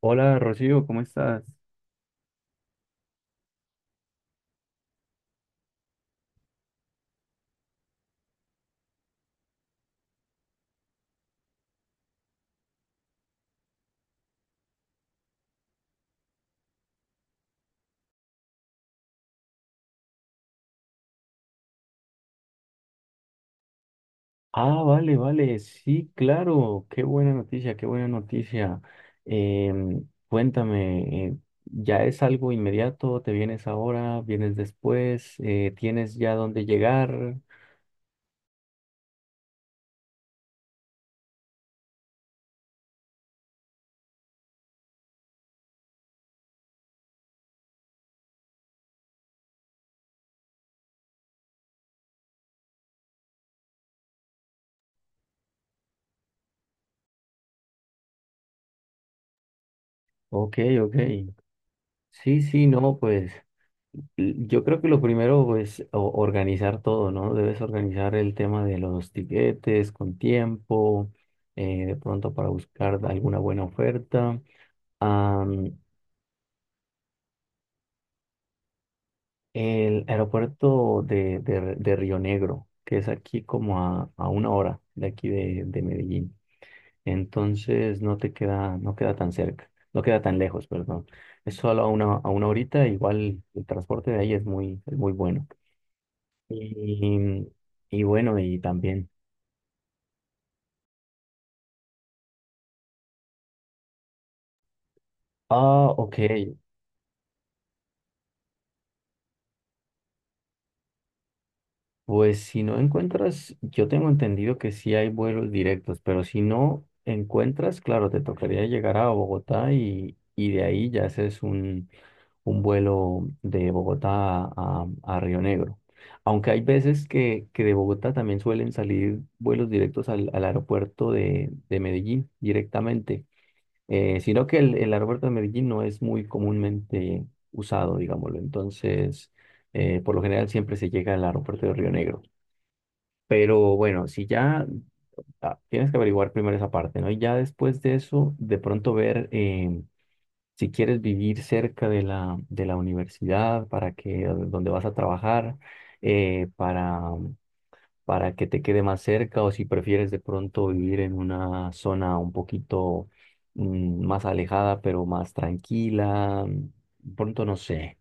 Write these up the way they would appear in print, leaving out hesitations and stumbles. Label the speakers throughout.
Speaker 1: Hola Rocío, ¿cómo estás? Ah, vale, vale, sí, claro, qué buena noticia, qué buena noticia. Cuéntame, ¿ya es algo inmediato? ¿Te vienes ahora? ¿Vienes después? ¿Tienes ya dónde llegar? Ok, ok. Sí, sí, no, pues yo creo que lo primero es organizar todo, ¿no? Debes organizar el tema de los tiquetes con tiempo, de pronto para buscar alguna buena oferta. El aeropuerto de Río Negro, que es aquí como a una hora de aquí de Medellín. Entonces no te queda, no queda tan cerca, no queda tan lejos, perdón. Es solo a a una horita, igual el transporte de ahí es muy bueno. Y, y bueno, y también. Ah, ok. Pues si no encuentras, yo tengo entendido que sí hay vuelos directos, pero si no encuentras, claro, te tocaría llegar a Bogotá y de ahí ya haces un vuelo de Bogotá a Río Negro. Aunque hay veces que de Bogotá también suelen salir vuelos directos al aeropuerto de Medellín directamente, sino que el aeropuerto de Medellín no es muy comúnmente usado, digámoslo. Entonces, por lo general siempre se llega al aeropuerto de Río Negro. Pero bueno, si ya tienes que averiguar primero esa parte, ¿no? Y ya después de eso, de pronto ver si quieres vivir cerca de de la universidad, para que donde vas a trabajar, eh, para, para que te quede más cerca, o si prefieres de pronto vivir en una zona un poquito más alejada, pero más tranquila. Pronto no sé.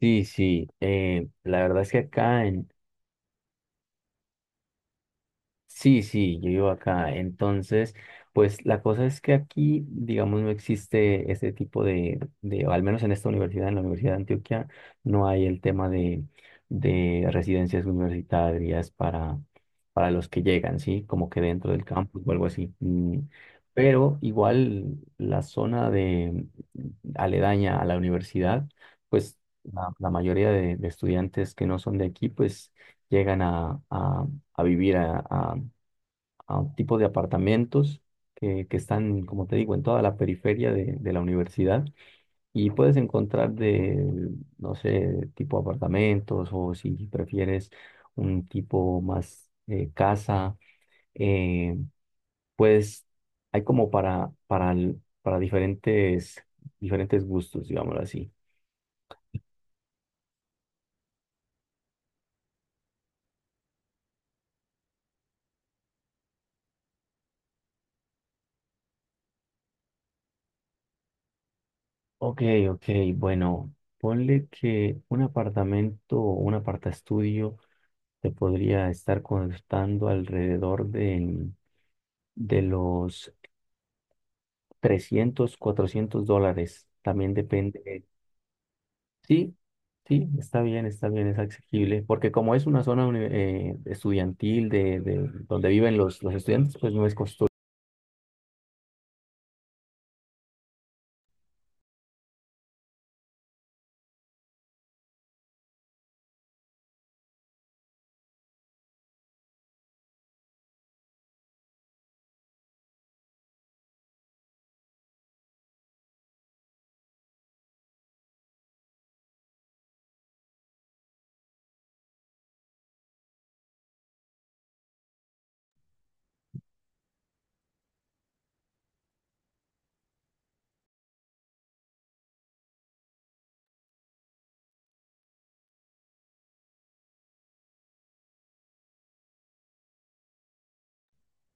Speaker 1: Sí, sí. La verdad es que acá, sí, sí, yo vivo acá. Entonces, pues la cosa es que aquí, digamos, no existe ese tipo o al menos en esta universidad, en la Universidad de Antioquia, no hay el tema de residencias universitarias para los que llegan, ¿sí? Como que dentro del campus o algo así. Pero igual la zona de aledaña a la universidad, pues la mayoría de estudiantes que no son de aquí, pues llegan a vivir a un tipo de apartamentos que están, como te digo, en toda la periferia de la universidad y puedes encontrar no sé, tipo apartamentos o si prefieres un tipo más casa, eh, pues hay como para diferentes, diferentes gustos, digámoslo así. Ok, ok, bueno, ponle que un apartamento o un apartaestudio se podría estar costando alrededor de los 300 400 dólares. También depende. Sí, sí, está bien, es asequible. Porque como es una zona estudiantil de donde viven los estudiantes, pues no es costoso.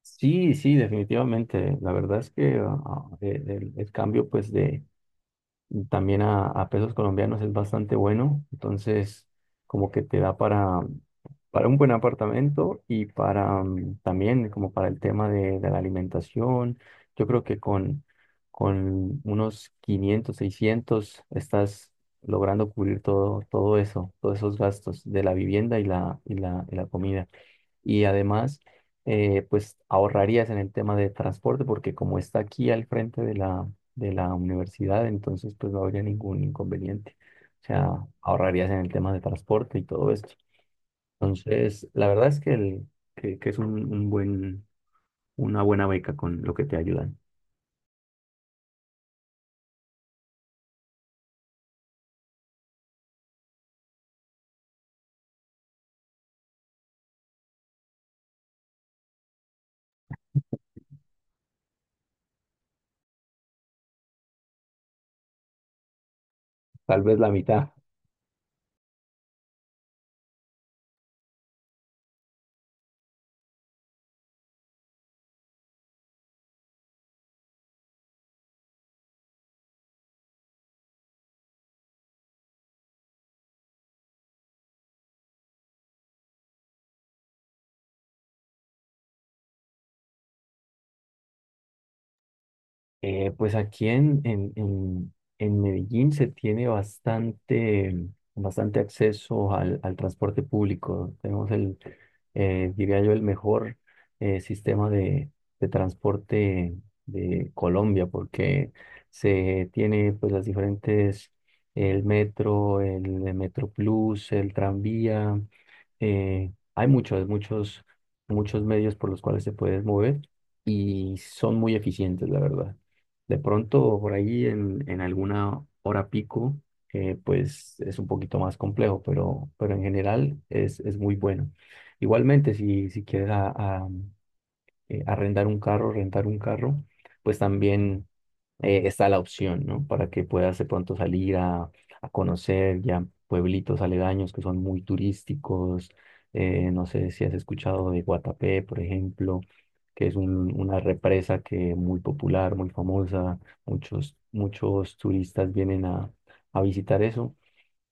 Speaker 1: Sí, sí, definitivamente. La verdad es que el cambio pues de también a pesos colombianos es bastante bueno, entonces como que te da para un buen apartamento y para también como para el tema de la alimentación. Yo creo que con unos 500 600 estás logrando cubrir todo, todo eso, todos esos gastos de la vivienda y la comida y además, pues ahorrarías en el tema de transporte, porque como está aquí al frente de de la universidad, entonces pues no habría ningún inconveniente. O sea, ahorrarías en el tema de transporte y todo esto. Entonces, la verdad es que es un buen, una buena beca con lo que te ayudan. Tal vez la mitad. Pues aquí en Medellín se tiene bastante, bastante acceso al transporte público. Tenemos diría yo, el mejor sistema de transporte de Colombia, porque se tiene pues las diferentes, el metro, Metro Plus, el tranvía. Hay muchos, muchos, muchos medios por los cuales se puede mover y son muy eficientes, la verdad. De pronto, por ahí en alguna hora pico, pues es un poquito más complejo, pero en general es muy bueno. Igualmente, si quieres arrendar un carro, rentar un carro, pues también está la opción, ¿no? Para que puedas de pronto salir a conocer ya pueblitos aledaños que son muy turísticos. No sé si has escuchado de Guatapé, por ejemplo, que es una represa que muy popular, muy famosa. Muchos, muchos turistas vienen a visitar eso.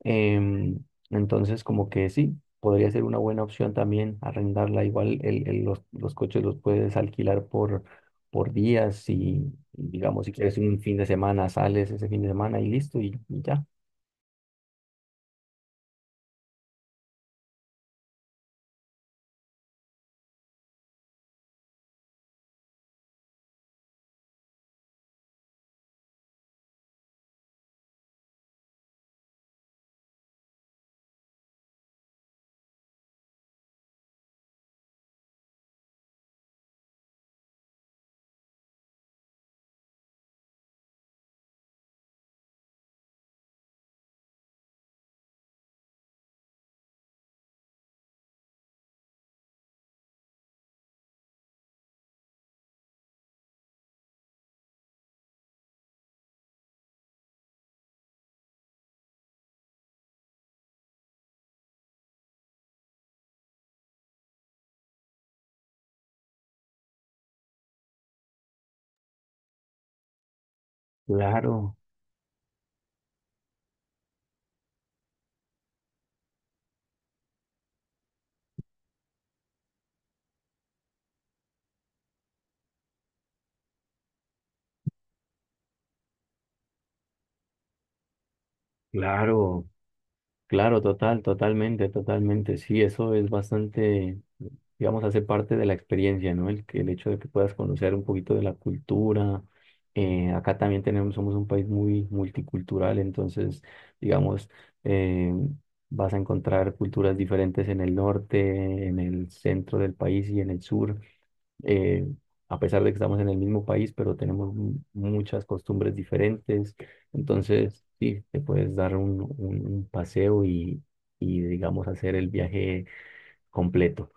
Speaker 1: Em, entonces, como que sí, podría ser una buena opción también arrendarla. Igual los coches los puedes alquilar por días y digamos, si quieres un fin de semana, sales ese fin de semana y listo y ya. Claro, claro. Claro, total, totalmente, totalmente. Sí, eso es bastante, digamos, hace parte de la experiencia, ¿no? El hecho de que puedas conocer un poquito de la cultura. Acá también tenemos, somos un país muy multicultural, entonces, digamos, eh, vas a encontrar culturas diferentes en el norte, en el centro del país y en el sur, eh, a pesar de que estamos en el mismo país, pero tenemos muchas costumbres diferentes. Entonces, sí, te puedes dar un, un paseo y, digamos, hacer el viaje completo.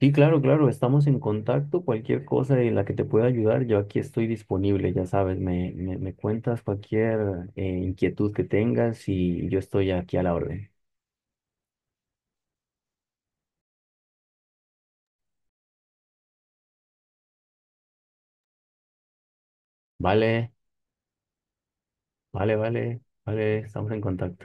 Speaker 1: Sí, claro, claro, estamos en contacto. Cualquier cosa en la que te pueda ayudar, yo aquí estoy disponible, ya sabes, me cuentas cualquier inquietud que tengas y yo estoy aquí a la orden. Vale, vale, vale, vale, estamos en contacto.